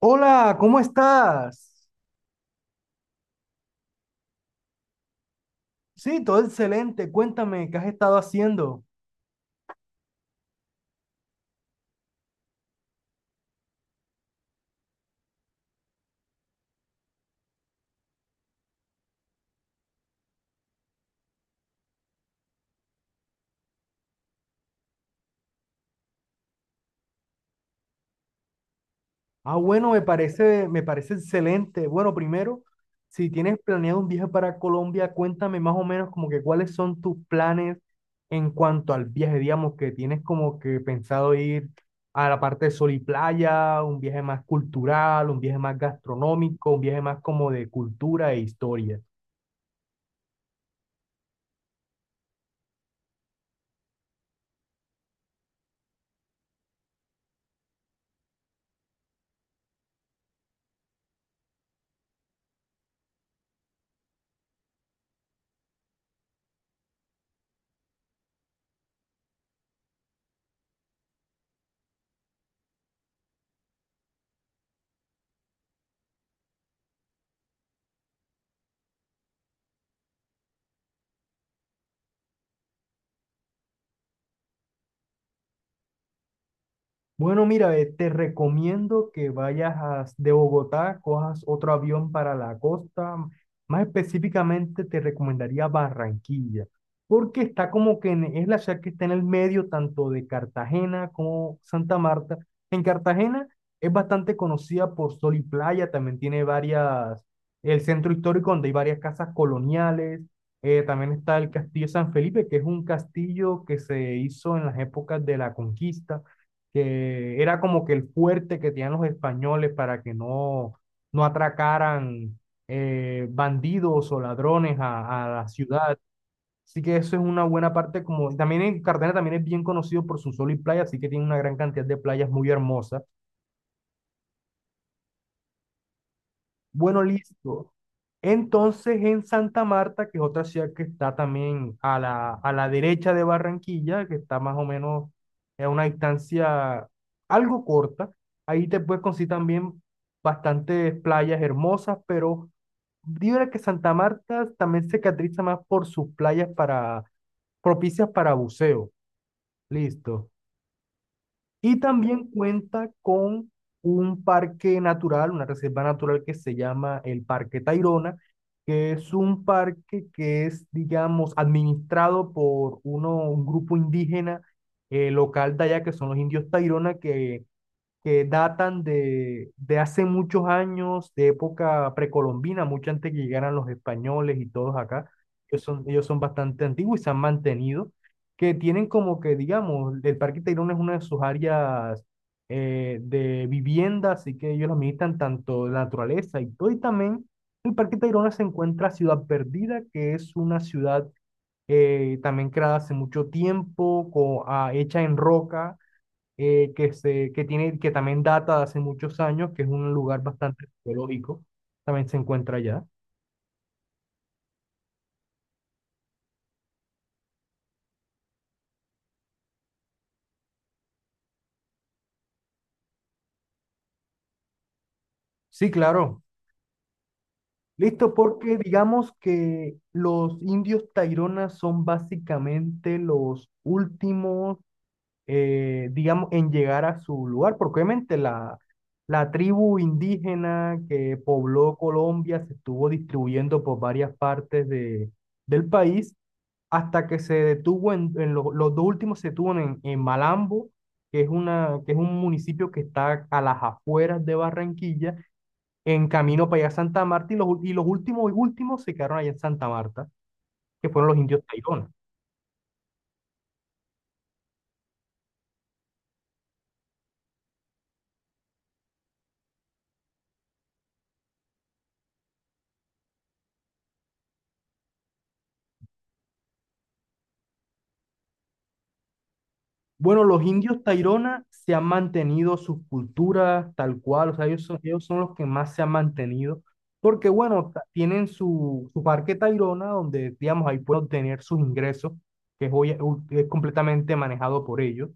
Hola, ¿cómo estás? Sí, todo excelente. Cuéntame, ¿qué has estado haciendo? Ah, bueno, me parece excelente. Bueno, primero, si tienes planeado un viaje para Colombia, cuéntame más o menos como que cuáles son tus planes en cuanto al viaje, digamos, que tienes como que pensado ir a la parte de sol y playa, un viaje más cultural, un viaje más gastronómico, un viaje más como de cultura e historia. Bueno, mira, te recomiendo que de Bogotá, cojas otro avión para la costa. Más específicamente, te recomendaría Barranquilla, porque está como que es la ciudad que está en el medio tanto de Cartagena como Santa Marta. En Cartagena es bastante conocida por sol y playa, también tiene varias, el centro histórico donde hay varias casas coloniales. También está el Castillo San Felipe, que es un castillo que se hizo en las épocas de la conquista, que era como que el fuerte que tenían los españoles para que no, no atracaran bandidos o ladrones a la ciudad. Así que eso es una buena parte, como, también en Cartagena también es bien conocido por su sol y playa, así que tiene una gran cantidad de playas muy hermosas. Bueno, listo. Entonces, en Santa Marta, que es otra ciudad que está también a la derecha de Barranquilla, que está más o menos a una distancia algo corta, ahí te puedes conseguir también bastantes playas hermosas, pero diría que Santa Marta también se caracteriza más por sus playas, para, propicias para buceo. Listo. Y también cuenta con un parque natural, una reserva natural que se llama el Parque Tayrona, que es un parque que es, digamos, administrado por un grupo indígena local de allá, que son los indios Tayrona, que datan de hace muchos años, de época precolombina, mucho antes que llegaran los españoles y todos acá. Ellos son bastante antiguos y se han mantenido. Que tienen como que, digamos, el Parque Tayrona es una de sus áreas de vivienda, así que ellos los militan tanto la naturaleza y todo. Y también el Parque Tayrona se encuentra Ciudad Perdida, que es una ciudad también creada hace mucho tiempo, hecha en roca que, se, que, tiene, que también data de hace muchos años, que es un lugar bastante arqueológico, también se encuentra allá. Sí, claro. Listo, porque digamos que los indios Taironas son básicamente los últimos digamos, en llegar a su lugar, porque obviamente la tribu indígena que pobló Colombia se estuvo distribuyendo por varias partes del país, hasta que se detuvo en, los dos últimos se detuvo en Malambo, que es un municipio que está a las afueras de Barranquilla, en camino para allá a Santa Marta, y y los últimos y últimos se quedaron allá en Santa Marta, que fueron los indios Tairona. Bueno, los indios Tairona se han mantenido sus culturas tal cual, o sea, ellos son los que más se han mantenido, porque bueno, tienen su parque Tairona, donde digamos ahí pueden obtener sus ingresos, que es hoy, es completamente manejado por ellos.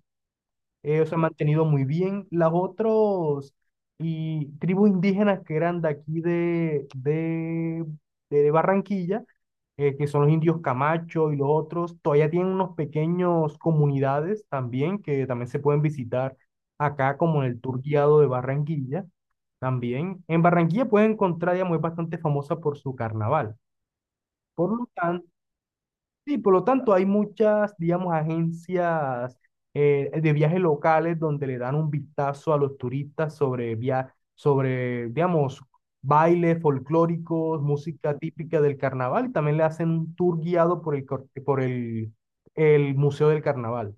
Ellos se han mantenido muy bien. Las otros y tribus indígenas que eran de aquí de Barranquilla, que son los indios Camacho y los otros, todavía tienen unos pequeños comunidades también, que también se pueden visitar acá como en el tour guiado de Barranquilla. También en Barranquilla pueden encontrar, digamos, es bastante famosa por su carnaval. Por lo tanto, sí, por lo tanto, hay muchas, digamos, agencias de viajes locales donde le dan un vistazo a los turistas sobre, digamos, bailes folclóricos, música típica del carnaval, y también le hacen un tour guiado por el Museo del Carnaval.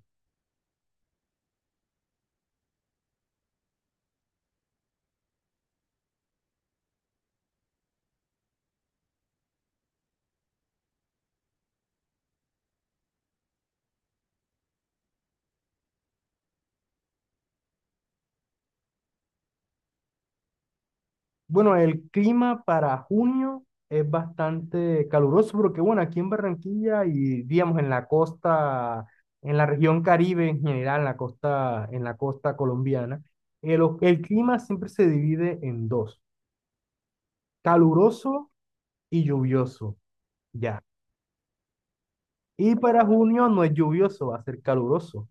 Bueno, el clima para junio es bastante caluroso porque, bueno, aquí en Barranquilla y, digamos, en la costa, en la región Caribe en general, en la costa colombiana, el clima siempre se divide en dos, caluroso y lluvioso, ya. Y para junio no es lluvioso, va a ser caluroso.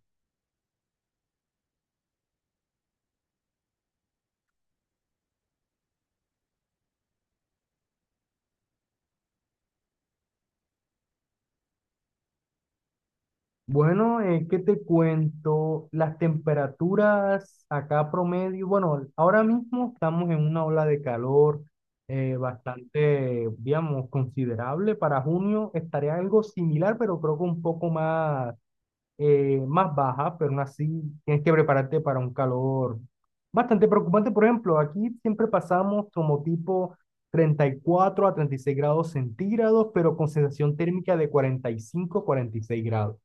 Bueno, ¿qué te cuento? Las temperaturas acá promedio, bueno, ahora mismo estamos en una ola de calor bastante, digamos, considerable. Para junio estaría algo similar, pero creo que un poco más, más baja, pero aún así tienes que prepararte para un calor bastante preocupante. Por ejemplo, aquí siempre pasamos como tipo 34 a 36 grados centígrados, pero con sensación térmica de 40, 45, a 46 grados.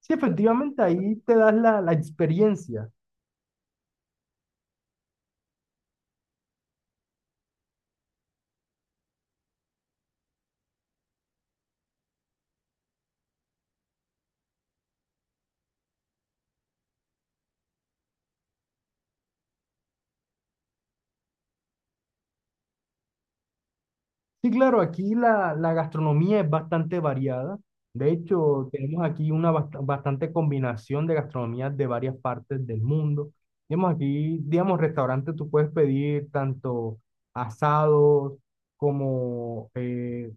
Sí, efectivamente, ahí te das la experiencia. Sí, claro, aquí la gastronomía es bastante variada. De hecho, tenemos aquí una bastante combinación de gastronomías de varias partes del mundo. Digamos, aquí, digamos, restaurante tú puedes pedir tanto asados como eh,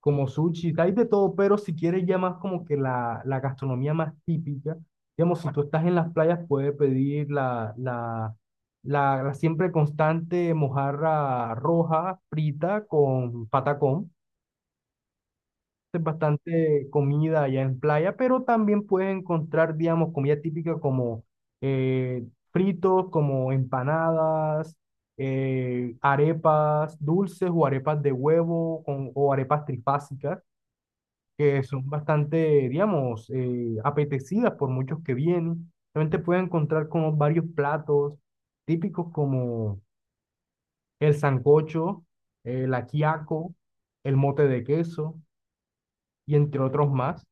como sushi, hay de todo, pero si quieres ya más como que la gastronomía más típica, digamos, si tú estás en las playas puedes pedir la siempre constante mojarra roja frita con patacón. Es bastante comida allá en playa, pero también puedes encontrar, digamos, comida típica como eh, fritos, como empanadas, arepas dulces o arepas de huevo o arepas trifásicas, que son bastante, digamos, apetecidas por muchos que vienen. También te puedes encontrar con varios platos típicos como el sancocho, el ajiaco, el mote de queso y entre otros más.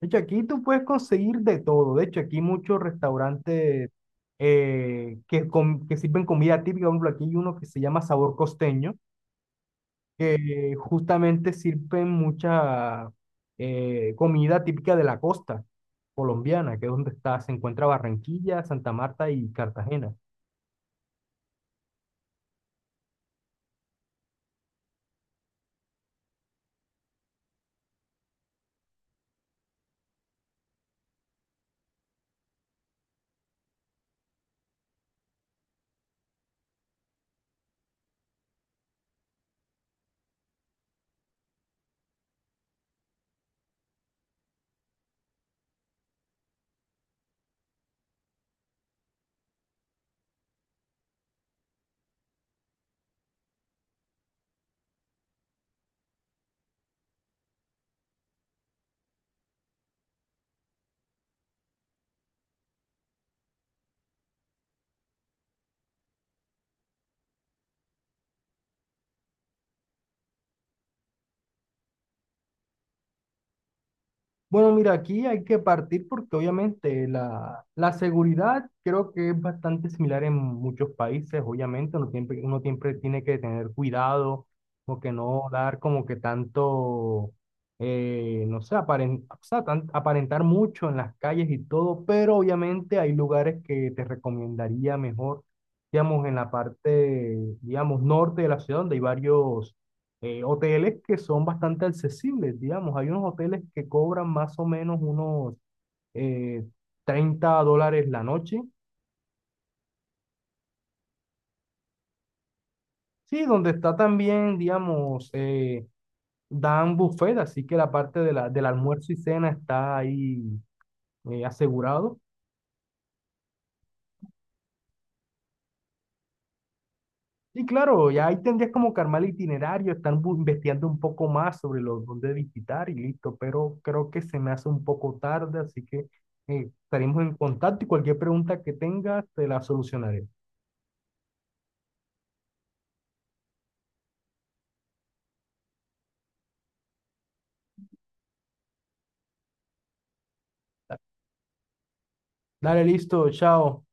De hecho, aquí tú puedes conseguir de todo. De hecho, aquí hay muchos restaurantes que sirven comida típica. Por ejemplo, aquí hay uno que se llama Sabor Costeño, que justamente sirven mucha comida típica de la costa colombiana, que es donde se encuentra Barranquilla, Santa Marta y Cartagena. Bueno, mira, aquí hay que partir porque obviamente la seguridad creo que es bastante similar en muchos países. Obviamente, uno siempre tiene que tener cuidado, como que no dar como que tanto, no sé, o sea, aparentar mucho en las calles y todo, pero obviamente hay lugares que te recomendaría mejor, digamos, en la parte, digamos, norte de la ciudad, donde hay varios hoteles que son bastante accesibles, digamos. Hay unos hoteles que cobran más o menos unos eh, $30 la noche. Sí, donde está también, digamos, dan buffet, así que la parte del almuerzo y cena está ahí asegurado. Y claro, ya ahí tendrías como que armar el itinerario, estar investigando un poco más sobre los dónde visitar y listo, pero creo que se me hace un poco tarde, así que estaremos en contacto y cualquier pregunta que tengas te la solucionaré. Dale, listo, chao.